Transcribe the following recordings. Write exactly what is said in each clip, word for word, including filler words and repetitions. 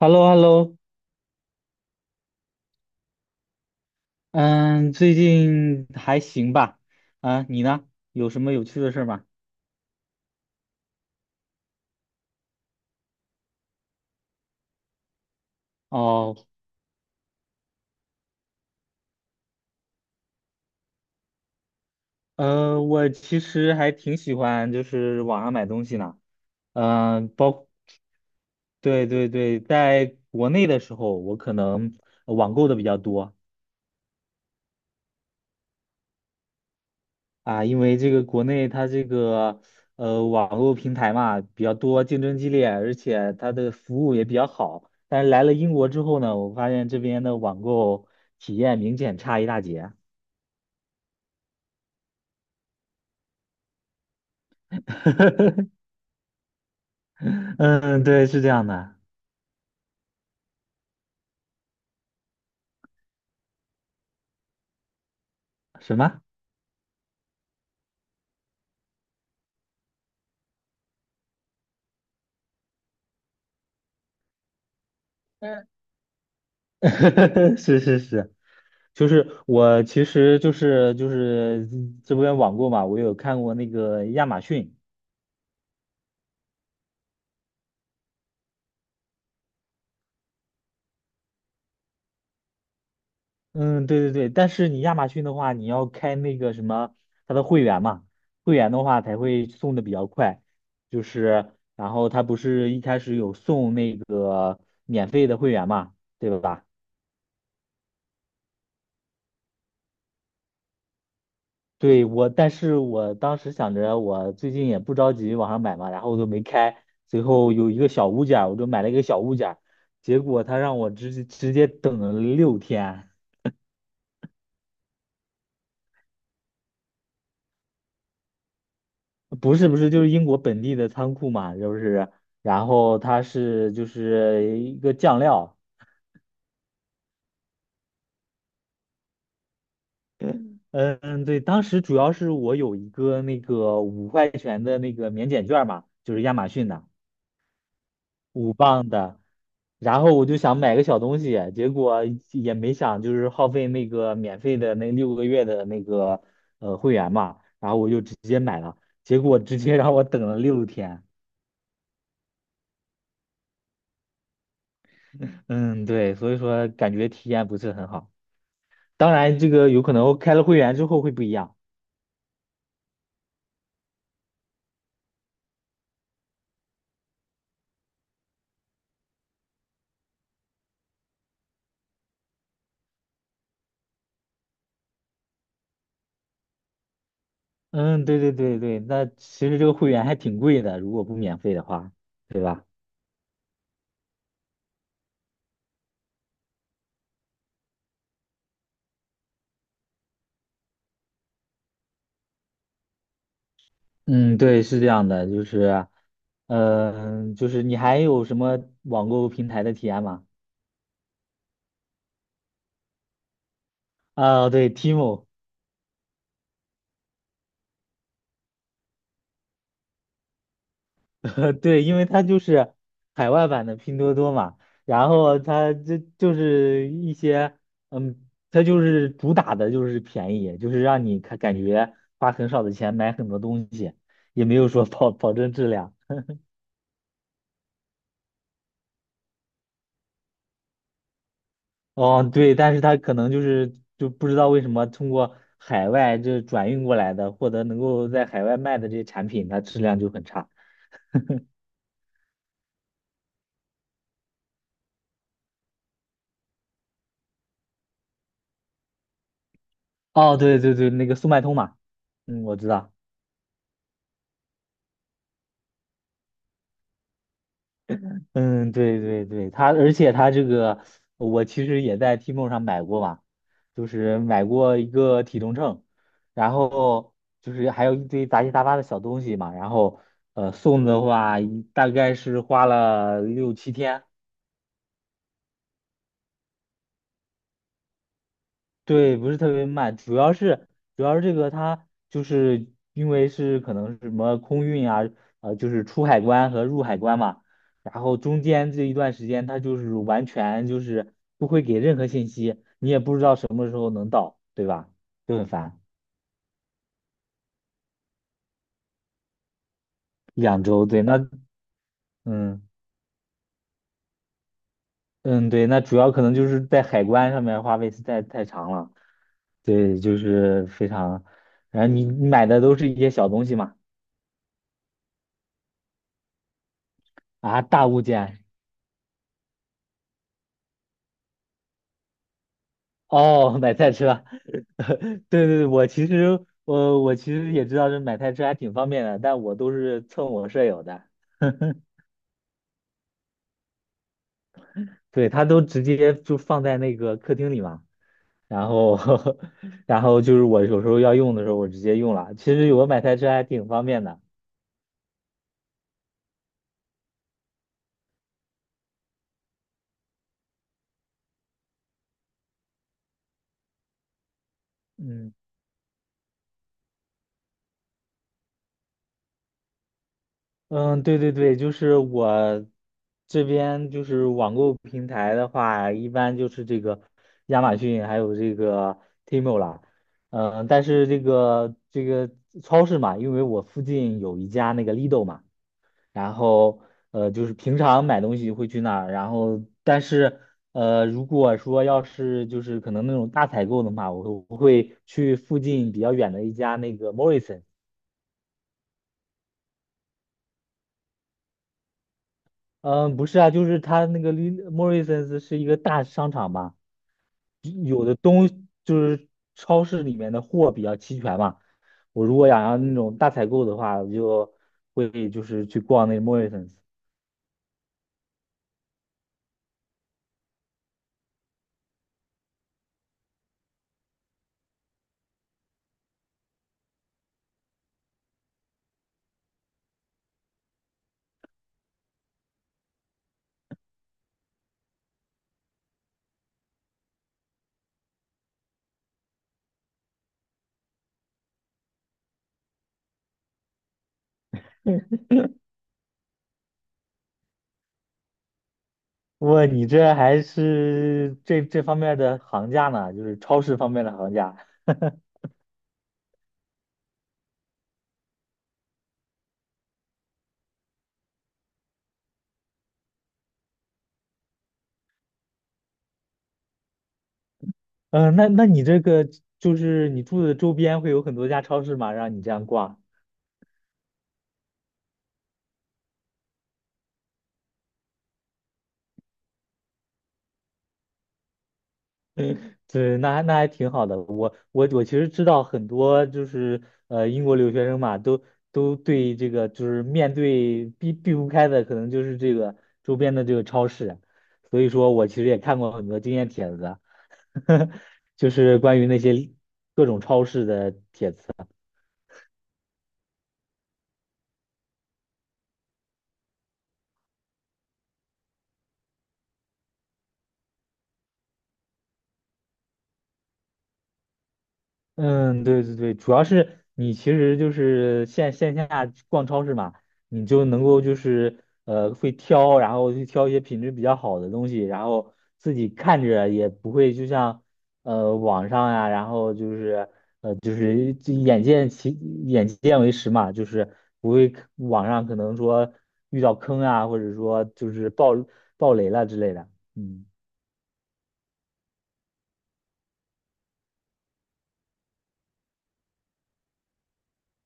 h e l l o h e l l o 嗯，最近还行吧？啊，你呢？有什么有趣的事儿吗？哦，呃，我其实还挺喜欢就是网上买东西呢。嗯，包，对对对，在国内的时候，我可能网购的比较多。啊，因为这个国内它这个呃网络平台嘛比较多，竞争激烈，而且它的服务也比较好。但是来了英国之后呢，我发现这边的网购体验明显差一大截。嗯，对，是这样的。什么？嗯 是是是，就是我其实就是就是这边网购嘛，我有看过那个亚马逊。嗯，对对对，但是你亚马逊的话，你要开那个什么，它的会员嘛，会员的话才会送的比较快。就是，然后它不是一开始有送那个免费的会员嘛，对吧？对我，但是我当时想着，我最近也不着急网上买嘛，然后我就没开。最后有一个小物件儿我就买了一个小物件儿结果他让我直直接等了六天。不是不是，就是英国本地的仓库嘛，就是，然后它是就是一个酱料，嗯嗯，对，当时主要是我有一个那个五块钱的那个免检券嘛，就是亚马逊的五磅的，然后我就想买个小东西，结果也没想就是耗费那个免费的那六个月的那个呃会员嘛，然后我就直接买了，结果直接让我等了六天，嗯，对，所以说感觉体验不是很好。当然，这个有可能开了会员之后会不一样。嗯，对对对对，那其实这个会员还挺贵的，如果不免费的话。嗯，对，是这样的，就是，嗯、就是你还有什么网购平台的体验吗？啊，对，Timo，对，因为它就是海外版的拼多多嘛，然后它这就是一些，嗯，它就是主打的就是便宜，就是让你看感觉花很少的钱买很多东西，也没有说保保证质量。哦，对，但是他可能就是就不知道为什么通过海外这转运过来的，或者能够在海外卖的这些产品，它质量就很差。哦，对对对，那个速卖通嘛，嗯，我知道，嗯，对对对，它而且它这个我其实也在 Tmall 上买过嘛，就是买过一个体重秤，然后就是还有一堆杂七杂八的小东西嘛，然后呃送的话一大概是花了六七天。对，不是特别慢，主要是主要是这个它就是因为是可能是什么空运啊，呃，就是出海关和入海关嘛，然后中间这一段时间它就是完全就是不会给任何信息，你也不知道什么时候能到，对吧？就很烦。两周，对，那嗯嗯对，那主要可能就是在海关上面花费实在太长了，对，就是非常，然后你你买的都是一些小东西嘛，啊，大物件。哦，买菜车，对对对，我其实我我其实也知道这买菜车还挺方便的，但我都是蹭我舍友的，对他都直接就放在那个客厅里嘛，然后 然后就是我有时候要用的时候我直接用了，其实有个买菜车还挺方便的，嗯。嗯，对对对，就是我这边就是网购平台的话，一般就是这个亚马逊还有这个 Temu 啦。嗯，但是这个这个超市嘛，因为我附近有一家那个 Lidl 嘛，然后呃就是平常买东西会去那儿，然后但是呃如果说要是就是可能那种大采购的话，我会我会去附近比较远的一家那个 m o r r i s o n 嗯，不是啊，就是他那个 Lin- Morrisons 是一个大商场嘛，有的东就是超市里面的货比较齐全嘛。我如果想要那种大采购的话，我就会就是去逛那个 Morrisons。哇，你这还是这这方面的行家呢，就是超市方面的行家。嗯，那那你这个就是你住的周边会有很多家超市吗？让你这样逛？对，那还那还挺好的。我我我其实知道很多，就是呃英国留学生嘛，都都对这个就是面对避避不开的，可能就是这个周边的这个超市。所以说我其实也看过很多经验帖子啊，就是关于那些各种超市的帖子。嗯，对对对，主要是你其实就是线线下逛超市嘛，你就能够就是呃会挑，然后去挑一些品质比较好的东西，然后自己看着也不会就像呃网上呀、然后就是呃就是就眼见其眼见为实嘛，就是不会网上可能说遇到坑啊，或者说就是爆爆雷了之类的，嗯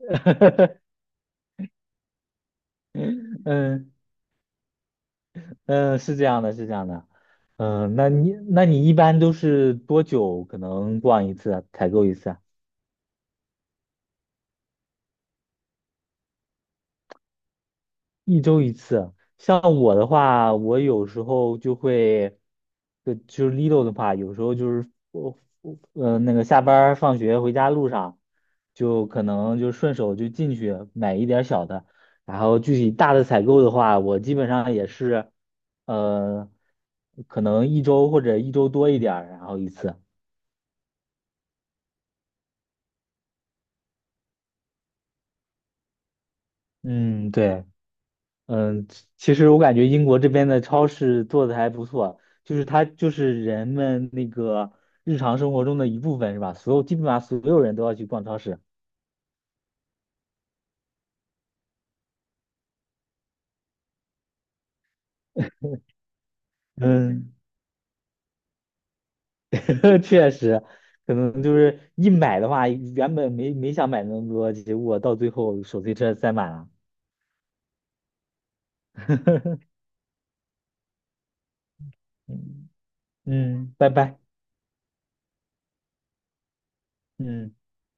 嗯。嗯，是这样的，是这样的。嗯，那你那你一般都是多久可能逛一次啊采购一次啊？一周一次啊。像我的话，我有时候就会，就就是 Lido 的话，有时候就是我我呃那个下班儿放学回家路上，就可能就顺手就进去买一点儿小的，然后具体大的采购的话，我基本上也是，呃，可能一周或者一周多一点儿，然后一次。嗯，对。嗯，其实我感觉英国这边的超市做的还不错，就是它就是人们那个日常生活中的一部分，是吧？所有基本上所有人都要去逛超市。嗯，确实，可能就是一买的话，原本没没想买那么多，结果到最后手推车塞满了。嗯，拜拜。嗯。